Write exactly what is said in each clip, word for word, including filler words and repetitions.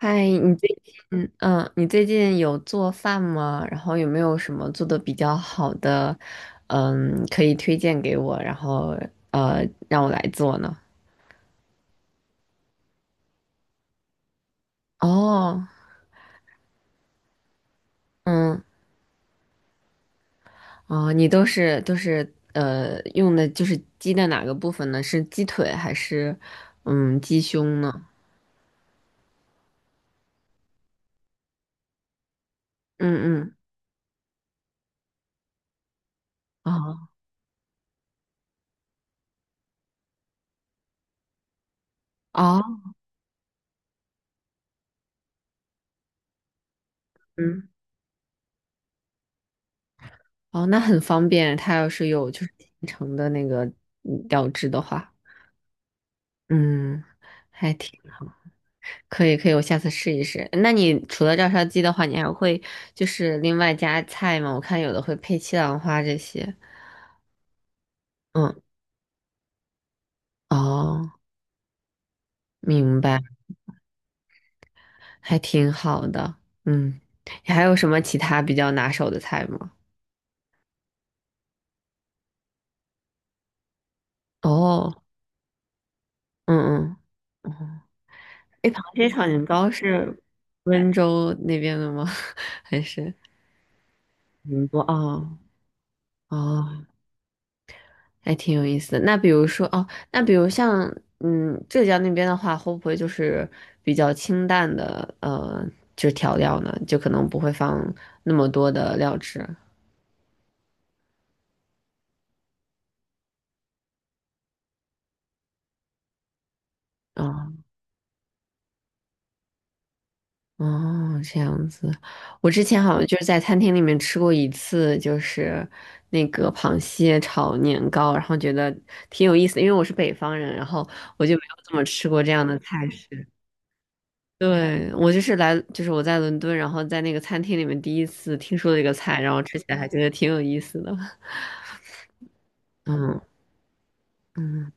嗨，你最近嗯，你最近有做饭吗？然后有没有什么做的比较好的，嗯，可以推荐给我，然后呃，让我来做呢？哦。嗯。哦。你都是都是呃用的就是鸡的哪个部分呢？是鸡腿还是嗯鸡胸呢？嗯嗯。哦。哦。嗯。哦，那很方便，它要是有就是现成的那个嗯料汁的话，嗯。还挺。可以可以，我下次试一试。那你除了照烧鸡的话，你还会就是另外加菜吗？我看有的会配西兰花这些。嗯。哦，明白。还挺好的。嗯，你还有什么其他比较拿手的菜吗？哦。嗯嗯。哎，螃蟹炒年糕是温州那边的吗？还是宁波？哦。哦，还挺有意思的。那比如说哦，那比如像嗯浙江那边的话，会不会就是比较清淡的呃，就是调料呢？就可能不会放那么多的料汁。哦。哦，这样子。我之前好像就是在餐厅里面吃过一次，就是那个螃蟹炒年糕，然后觉得挺有意思的，因为我是北方人，然后我就没有怎么吃过这样的菜式。对，我就是来，就是我在伦敦，然后在那个餐厅里面第一次听说这个菜，然后吃起来还觉得挺有意思的。嗯嗯。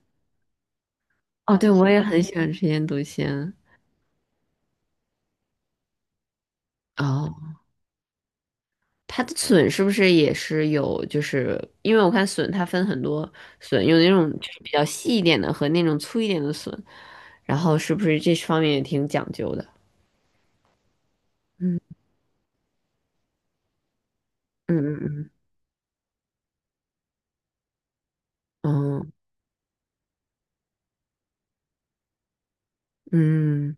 哦，对，我也很喜欢吃腌笃鲜。哦。它的笋是不是也是有？就是因为我看笋它分很多笋，有那种就是比较细一点的和那种粗一点的笋，然后是不是这方面也挺讲究的？嗯嗯。嗯嗯。嗯。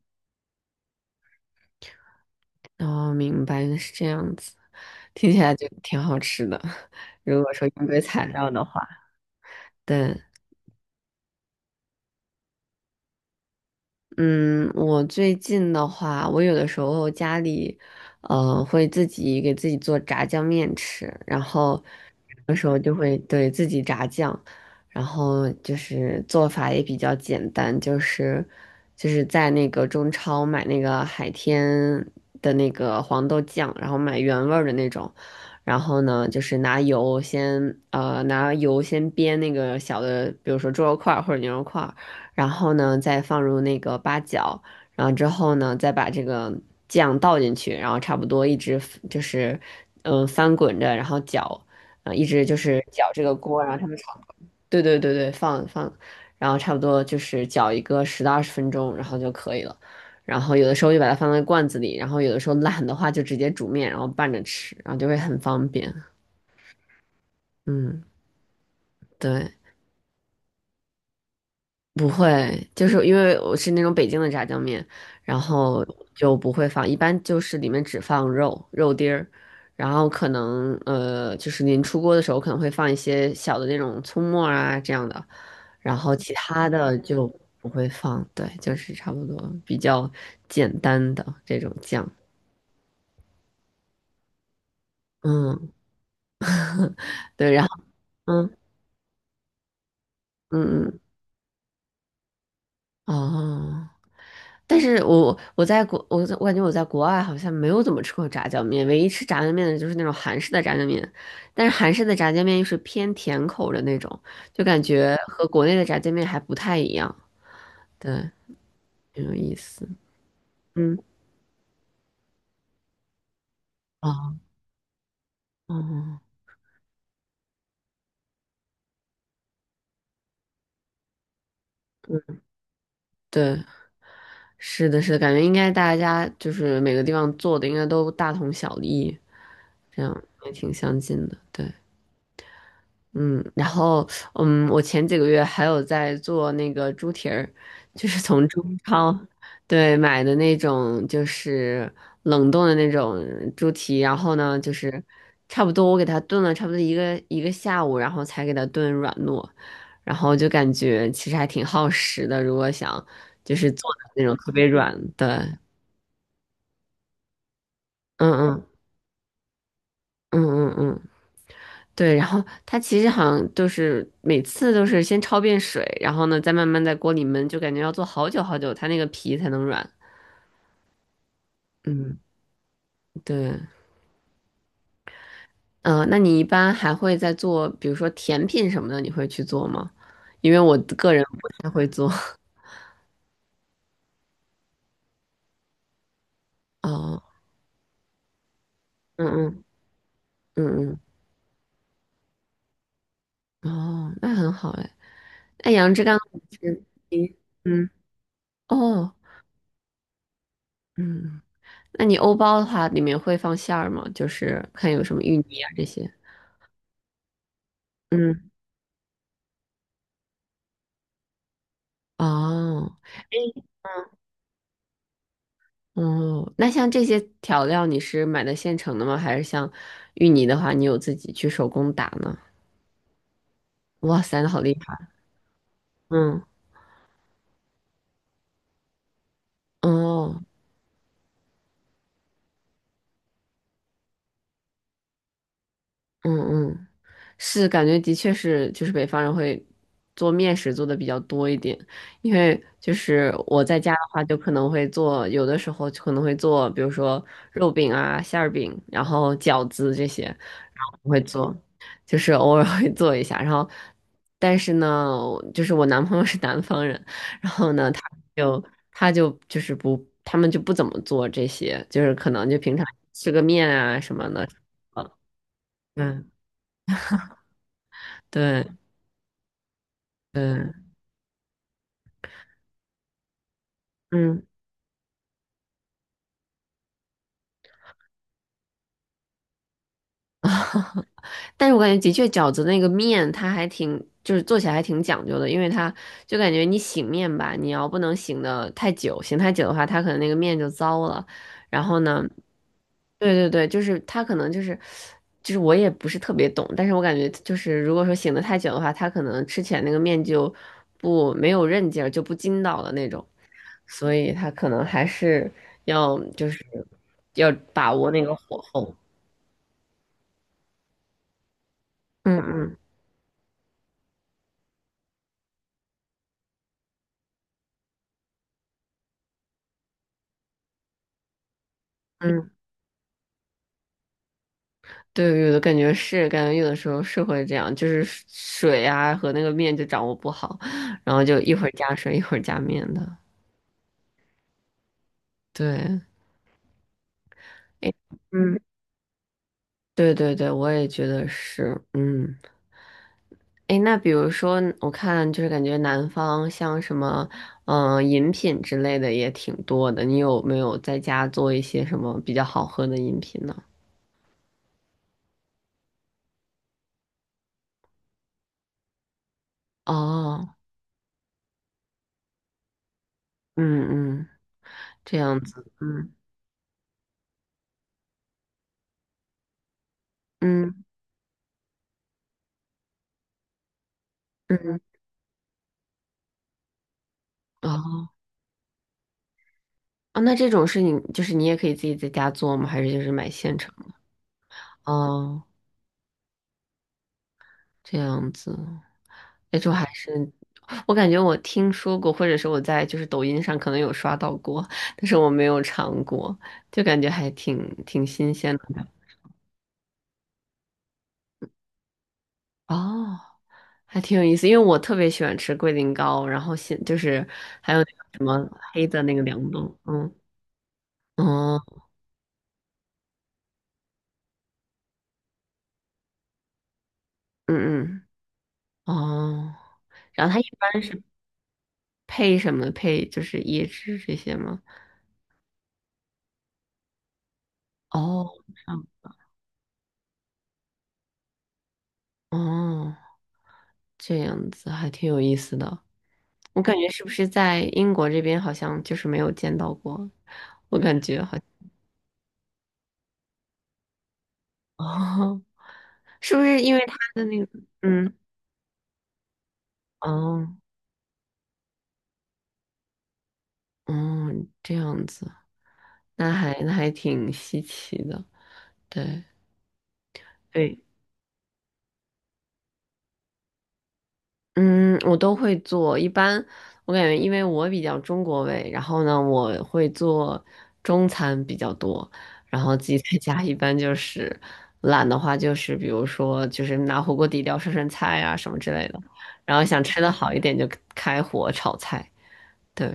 哦，明白，原来是这样子，听起来就挺好吃的。如果说应对材料的话，对。嗯，我最近的话，我有的时候家里，呃，会自己给自己做炸酱面吃，然后有的时候就会对自己炸酱，然后就是做法也比较简单，就是就是在那个中超买那个海天的那个黄豆酱，然后买原味儿的那种，然后呢，就是拿油先呃拿油先煸那个小的，比如说猪肉块儿或者牛肉块。然后呢再放入那个八角，然后之后呢再把这个酱倒进去，然后差不多一直 f- 就是嗯、呃翻滚着，然后搅，呃一直就是搅这个锅，然后他们炒。对对对对，放放，然后差不多就是搅一个十到二十分钟，然后就可以了。然后有的时候就把它放在罐子里，然后有的时候懒的话就直接煮面，然后拌着吃，然后就会很方便。嗯。对。不会，就是因为我是那种北京的炸酱面，然后就不会放，一般就是里面只放肉、肉丁儿，然后可能呃，就是您出锅的时候可能会放一些小的那种葱末儿啊这样的，然后其他的就不会放。对，就是差不多比较简单的这种酱。嗯。对，然后嗯嗯。嗯。哦。但是我我在国我在我感觉我在国外好像没有怎么吃过炸酱面，唯一吃炸酱面的就是那种韩式的炸酱面，但是韩式的炸酱面又是偏甜口的那种，就感觉和国内的炸酱面还不太一样。对，很有意思。嗯。哦。哦，对，是的，是的，感觉应该大家就是每个地方做的应该都大同小异，这样也挺相近的。对。嗯，然后嗯，我前几个月还有在做那个猪蹄儿，就是从中超对买的那种，就是冷冻的那种猪蹄，然后呢，就是差不多我给它炖了差不多一个一个下午，然后才给它炖软糯，然后就感觉其实还挺耗时的，如果想就是做的那种特别软的。嗯嗯。嗯嗯。嗯。对，然后它其实好像就是每次都是先焯遍水，然后呢再慢慢在锅里焖，就感觉要做好久好久，它那个皮才能软。嗯。对。嗯、那你一般还会再做，比如说甜品什么的，你会去做吗？因为我个人不太会做。哦。嗯嗯。嗯嗯。哦，那很好哎。那杨枝甘露是你嗯，哦。嗯。那你欧包的话，里面会放馅儿吗？就是看有什么芋泥啊这些。嗯。哦。哎。哦，那像这些调料你是买的现成的吗？还是像芋泥的话，你有自己去手工打呢？哇塞，那好厉害！嗯。哦。嗯嗯。是感觉的确是，就是北方人会做面食做的比较多一点，因为就是我在家的话，就可能会做，有的时候就可能会做，比如说肉饼啊、馅儿饼，然后饺子这些，然后我会做，就是偶尔会做一下。然后，但是呢，就是我男朋友是南方人，然后呢，他就他就就是不，他们就不怎么做这些，就是可能就平常吃个面啊什么的。嗯。对。对。嗯，但是我感觉的确饺子那个面它还挺，就是做起来还挺讲究的，因为它就感觉你醒面吧，你要不能醒的太久，醒太久的话，它可能那个面就糟了。然后呢，对对对，就是它可能就是，就是我也不是特别懂，但是我感觉就是如果说醒的太久的话，它可能吃起来那个面就不没有韧劲儿，就不筋道了那种，所以它可能还是要就是要把握那个火候。嗯嗯。嗯。对，有的感觉是，感觉有的时候是会这样，就是水水啊和那个面就掌握不好，然后就一会儿加水，一会儿加面的。对。嗯。对对对，我也觉得是。嗯，诶，那比如说，我看就是感觉南方像什么，嗯、饮品之类的也挺多的。你有没有在家做一些什么比较好喝的饮品呢？哦。嗯嗯。这样子。嗯。嗯。嗯。哦。啊，那这种是你就是你也可以自己在家做吗？还是就是买现成的？哦，这样子。那就还是我感觉我听说过，或者是我在就是抖音上可能有刷到过，但是我没有尝过，就感觉还挺挺新鲜的。哦，还挺有意思，因为我特别喜欢吃龟苓膏，然后现就是还有那个什么黑的那个凉豆。嗯。哦。嗯嗯。哦，然后它一般是配什么？配就是椰汁这些吗？哦。上。哦，这样子还挺有意思的。我感觉是不是在英国这边好像就是没有见到过？我感觉好像哦，是不是因为他的那个嗯哦。哦，这样子，那还那还挺稀奇的。对。对。嗯，我都会做。一般我感觉，因为我比较中国胃，然后呢，我会做中餐比较多。然后自己在家一般就是懒的话，就是比如说就是拿火锅底料涮涮菜啊什么之类的。然后想吃的好一点，就开火炒菜。对，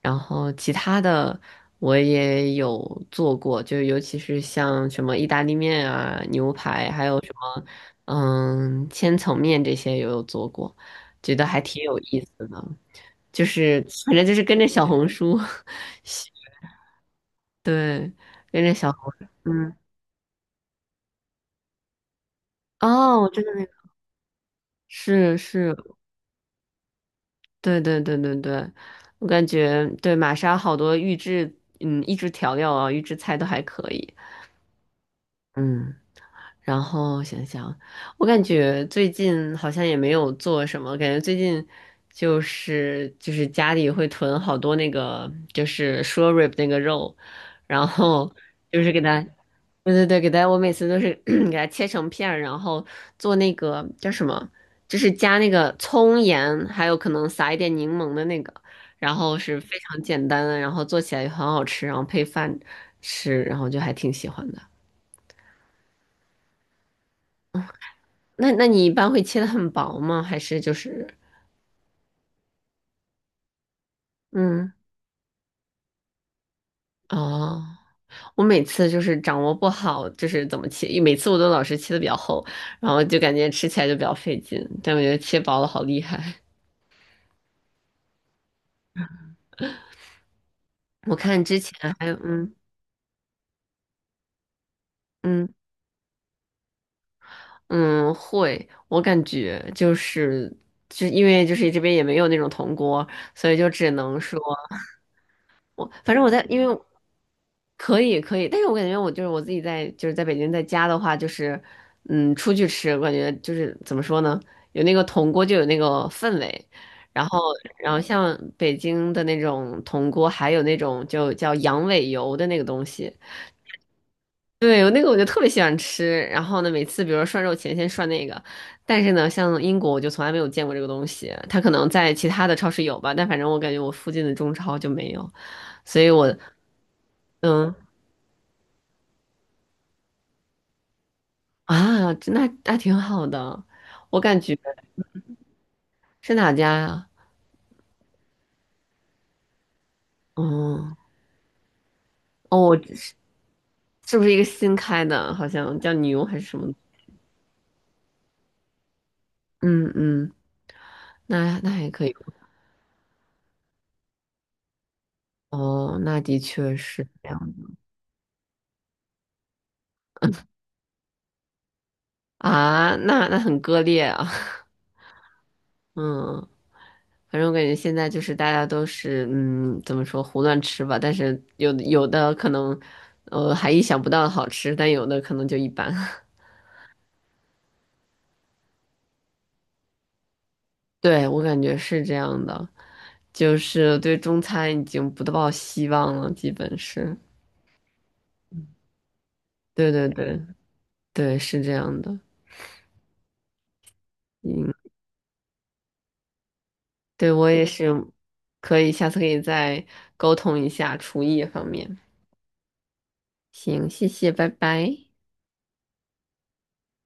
然后其他的我也有做过，就尤其是像什么意大利面啊、牛排，还有什么嗯千层面这些也有做过，觉得还挺有意思的。就是反正就是跟着小红书。学。对，跟着小红书。嗯。哦，我知道那个。是是。对对对对对，我感觉对玛莎好多预制，嗯，预制调料啊，预制菜都还可以。嗯。然后想想，我感觉最近好像也没有做什么，感觉最近就是就是家里会囤好多那个就是 s h r rib 那个肉，然后就是给它，对对对，给它，我每次都是 给它切成片儿然后做那个叫什么，就是加那个葱盐，还有可能撒一点柠檬的那个，然后是非常简单的，然后做起来也很好吃，然后配饭吃，然后就还挺喜欢的。那那你一般会切的很薄吗？还是就是嗯哦，我每次就是掌握不好，就是怎么切，每次我都老是切的比较厚，然后就感觉吃起来就比较费劲。但我觉得切薄了好厉害。我看之前还有嗯。嗯嗯。会，我感觉就是就因为就是这边也没有那种铜锅，所以就只能说。我反正我在，因为可以可以，但是我感觉我就是我自己在就是在北京在家的话，就是嗯出去吃，我感觉就是怎么说呢，有那个铜锅就有那个氛围。然后然后像北京的那种铜锅，还有那种就叫羊尾油的那个东西，对，有那个我就特别喜欢吃，然后呢每次比如说涮肉前先涮那个，但是呢像英国我就从来没有见过这个东西，它可能在其他的超市有吧，但反正我感觉我附近的中超就没有，所以我。嗯。啊，这那那挺好的，我感觉是哪家呀？嗯。哦，我是是不是一个新开的？好像叫牛还是什么？嗯嗯。那那还可以。哦，那的确是这样。啊，那那很割裂啊。嗯，反正我感觉现在就是大家都是嗯，怎么说胡乱吃吧，但是有的有的可能呃还意想不到的好吃，但有的可能就一般。对，我感觉是这样的。就是对中餐已经不抱希望了，基本是。对对对对，是这样的。嗯，对我也是，可以下次可以再沟通一下厨艺方面。行，谢谢，拜拜。